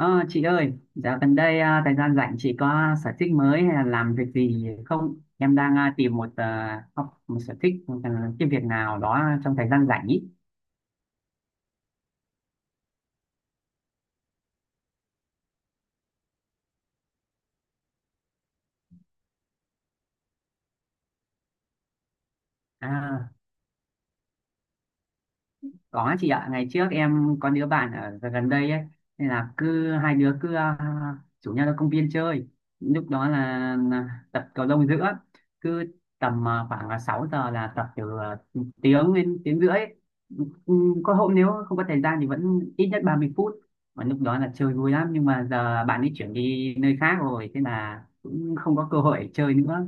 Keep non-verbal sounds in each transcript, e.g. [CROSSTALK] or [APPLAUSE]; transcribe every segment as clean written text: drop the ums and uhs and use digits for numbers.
Ờ, chị ơi, dạo gần đây thời gian rảnh chị có sở thích mới hay là làm việc gì không? Em đang tìm một học một sở thích một, cái việc nào đó trong thời gian rảnh ý. À, Có chị ạ, ngày trước em có đứa bạn ở gần gần đây ấy, nên là cứ hai đứa cứ rủ nhau ra công viên chơi. Lúc đó là tập cầu lông giữa, cứ tầm khoảng là 6 giờ là tập từ 1 tiếng đến 1 tiếng rưỡi. Ừ, Có hôm nếu không có thời gian thì vẫn ít nhất 30 phút. Mà lúc đó là chơi vui lắm, nhưng mà giờ bạn ấy chuyển đi nơi khác rồi, thế là cũng không có cơ hội để chơi nữa.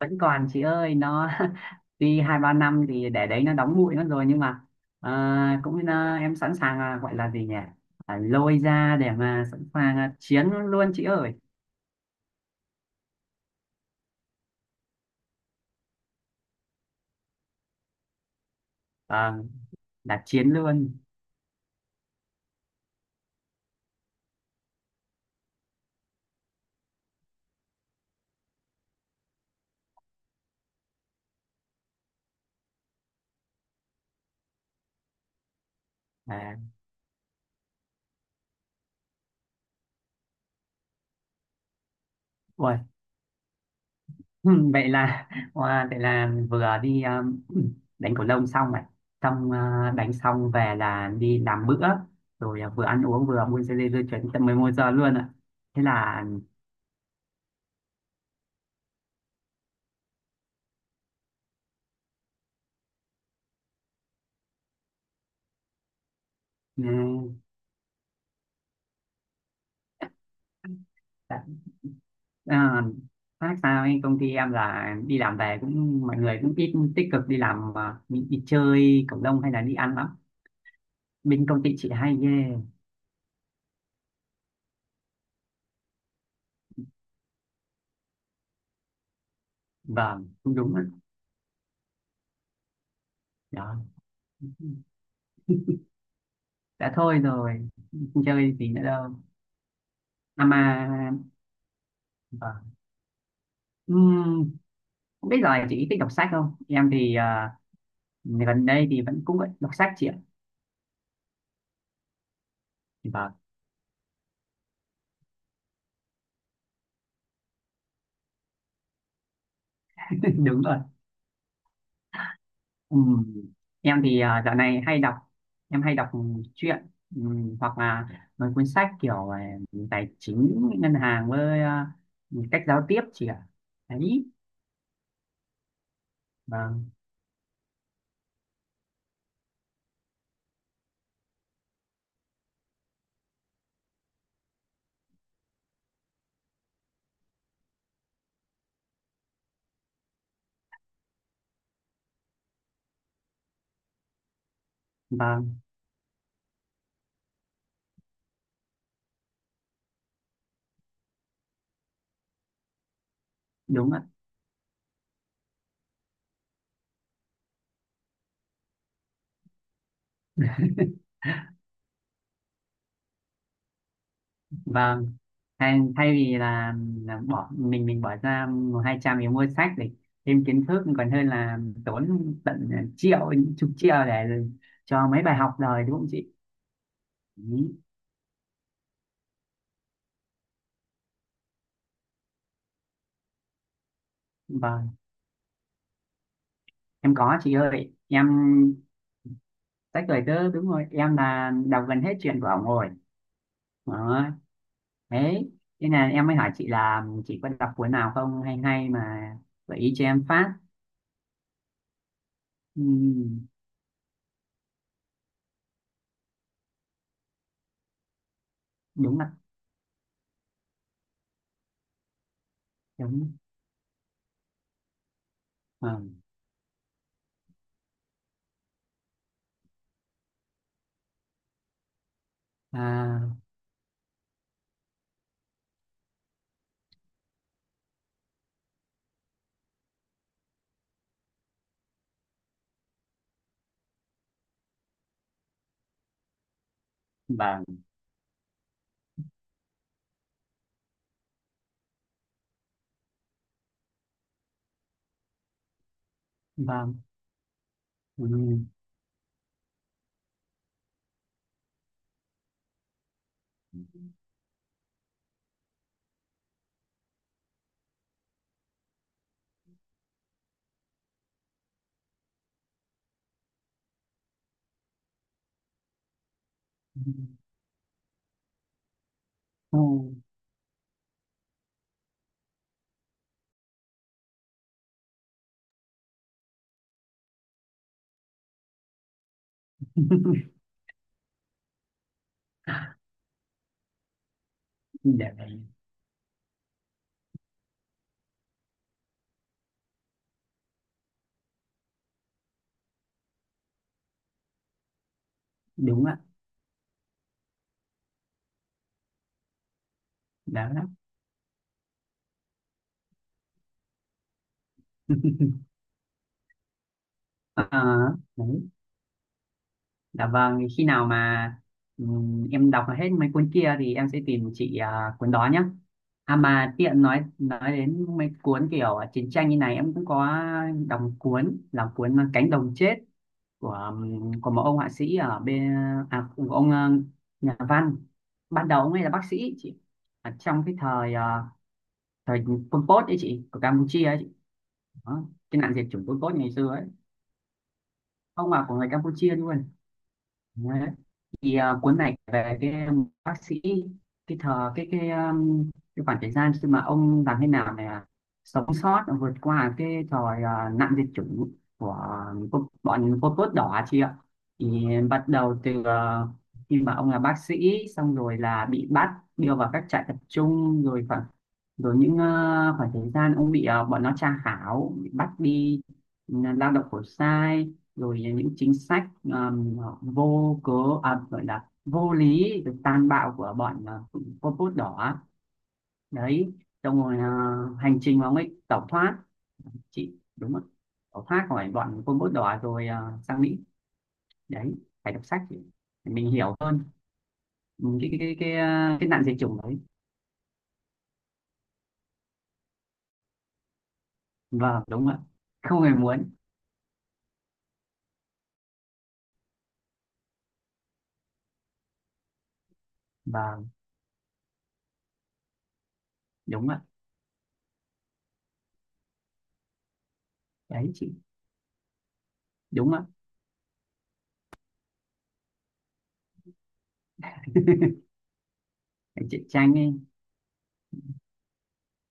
Vẫn còn chị ơi nó [LAUGHS] tuy 2-3 năm thì để đấy nó đóng bụi mất rồi, nhưng mà cũng em sẵn sàng, gọi là gì nhỉ, lôi ra để mà sẵn sàng chiến luôn chị ơi. Vâng, là chiến luôn. À, ui, [LAUGHS] vậy là wow, vậy là vừa đi đánh cầu lông xong này, xong đánh xong về là đi làm bữa, rồi vừa ăn uống vừa buôn dê dê dê chuyển tận 11 giờ luôn ạ. Thế là ừ, À, khác sao ấy, công ty em là đi làm về cũng mọi người cũng ít tích cực đi làm mà đi chơi cộng đồng hay là đi ăn lắm. Bên công ty chị hay ghê. Vâng cũng đúng đó. Đó. Đã thôi rồi, không chơi gì nữa đâu. À mà vâng. Ừm, không biết rồi chị thích đọc sách không, em thì gần đây thì vẫn đọc sách chị ạ. Vâng. [LAUGHS] Đúng rồi. Ừ. Em thì dạo này hay đọc, em hay đọc truyện, ừ, hoặc là mấy cuốn sách kiểu tài chính ngân hàng với cách giao tiếp chị ạ. Đấy. Vâng. Vâng đúng ạ. [LAUGHS] Vâng. Thay vì là bỏ mình bỏ ra 100-200 để mua sách để thêm kiến thức còn hơn là tốn tận triệu, chục triệu để cho mấy bài học rồi đúng không chị. Ừ, vâng em có chị ơi em. Sách lời tớ đúng rồi, em là đọc gần hết chuyện của ổng rồi. Đó. Thế, thế là em mới hỏi chị là chị có đọc cuốn nào không, hay hay mà gợi ý cho em phát. Ừ, đúng là đúng. Vâng. à, vâng. Vâng. Ừ. Ừ. [LAUGHS] Để đúng ạ. Đó đó. [LAUGHS] à, Đấy. Dạ vâng, thì khi nào mà em đọc hết mấy cuốn kia thì em sẽ tìm chị cuốn đó nhé. À mà tiện nói đến mấy cuốn kiểu chiến tranh như này em cũng có đọc một cuốn là cuốn Cánh đồng chết, của một ông họa sĩ ở bên của ông nhà văn. Ban đầu ông ấy là bác sĩ chị. Ở trong cái thời thời Pol Pot ấy chị, của Campuchia ấy chị. Đó, cái nạn diệt chủng Pol Pot ngày xưa ấy. Ông là của người Campuchia luôn. Thì cuốn này về cái bác sĩ, cái thờ cái cái um, cái khoảng thời gian khi mà ông làm thế nào để sống sót, vượt qua cái thời nạn diệt chủng của bọn Pol Pot đỏ chị ạ, thì bắt đầu từ khi mà ông là bác sĩ xong rồi là bị bắt, đưa vào các trại tập trung rồi khoảng, rồi những khoảng thời gian ông bị bọn nó tra khảo, bị bắt đi, ừ, lao động khổ sai, rồi những chính sách vô cớ, gọi là vô lý được tàn bạo của bọn Pol Pot đỏ. Đấy. Trong rồi hành trình mà ông ấy tẩu thoát chị đúng không, tẩu thoát khỏi bọn Pol Pot đỏ rồi sang Mỹ. Đấy. Phải đọc sách để mình hiểu hơn cái nạn diệt chủng đấy. Vâng đúng ạ. Không hề muốn. Vâng đúng ạ. Đấy chị. Đúng ạ. [LAUGHS] Chị Trang ấy.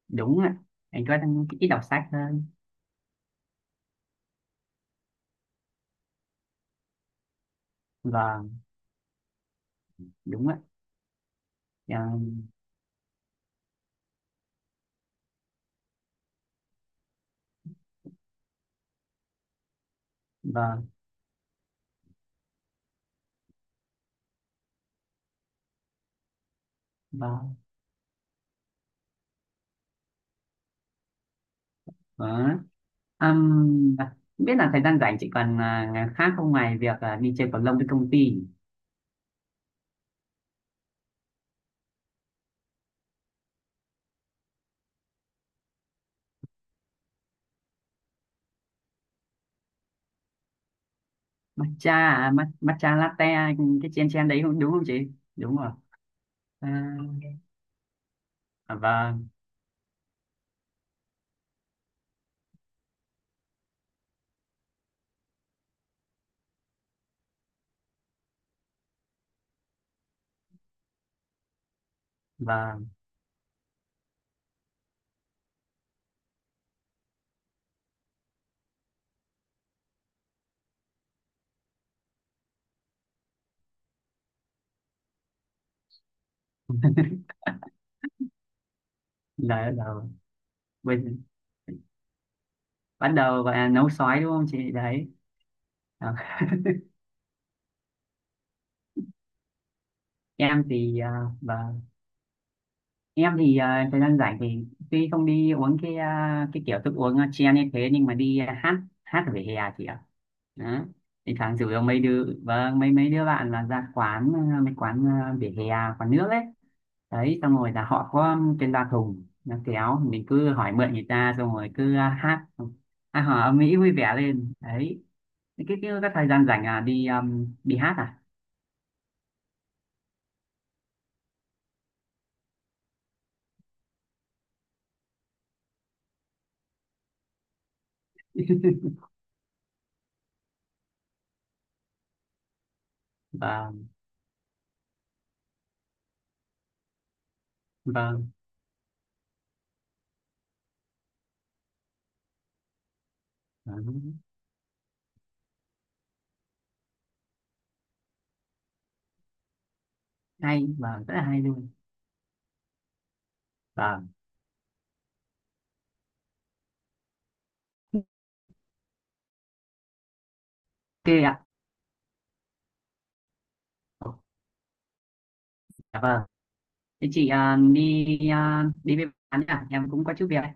Đúng ạ. Anh có đang ít đọc sách hơn. Vâng đúng ạ. Dạ, vâng. Vâng vâng. Ừm, à, Không biết là thời gian rảnh chị còn ngày khác không, ngoài việc đi chơi cầu lông với công ty. Matcha, matcha latte, cái chen chen đấy không, đúng không chị? Đúng rồi. à, vâng. Vâng. Lời đầu. Bây- Bắt đầu gọi là nấu sói đúng không chị đấy. à, em thì vâng. Em thì thời gian rảnh thì tuy không đi uống cái cái kiểu thức uống chen như thế, nhưng mà đi hát, hát ở vỉa hè chị ạ. Đó. Thì tháng rủ mấy đứa, vâng mấy mấy đứa bạn là ra quán mấy quán vỉa hè, quán nước ấy, đấy, xong rồi là họ có trên loa thùng nó kéo, mình cứ hỏi mượn người ta xong rồi cứ hát, hò âm mỹ vui vẻ lên đấy. Cái thời gian rảnh là đi đi hát à. [LAUGHS] Vâng. Vâng vâng. Hay vâng, rất là hay luôn. Vâng ok ạ. Dạ vâng. Thế chị đi đi với bạn nhá, em cũng có chút việc đây.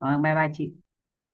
Vâng, bye bye chị.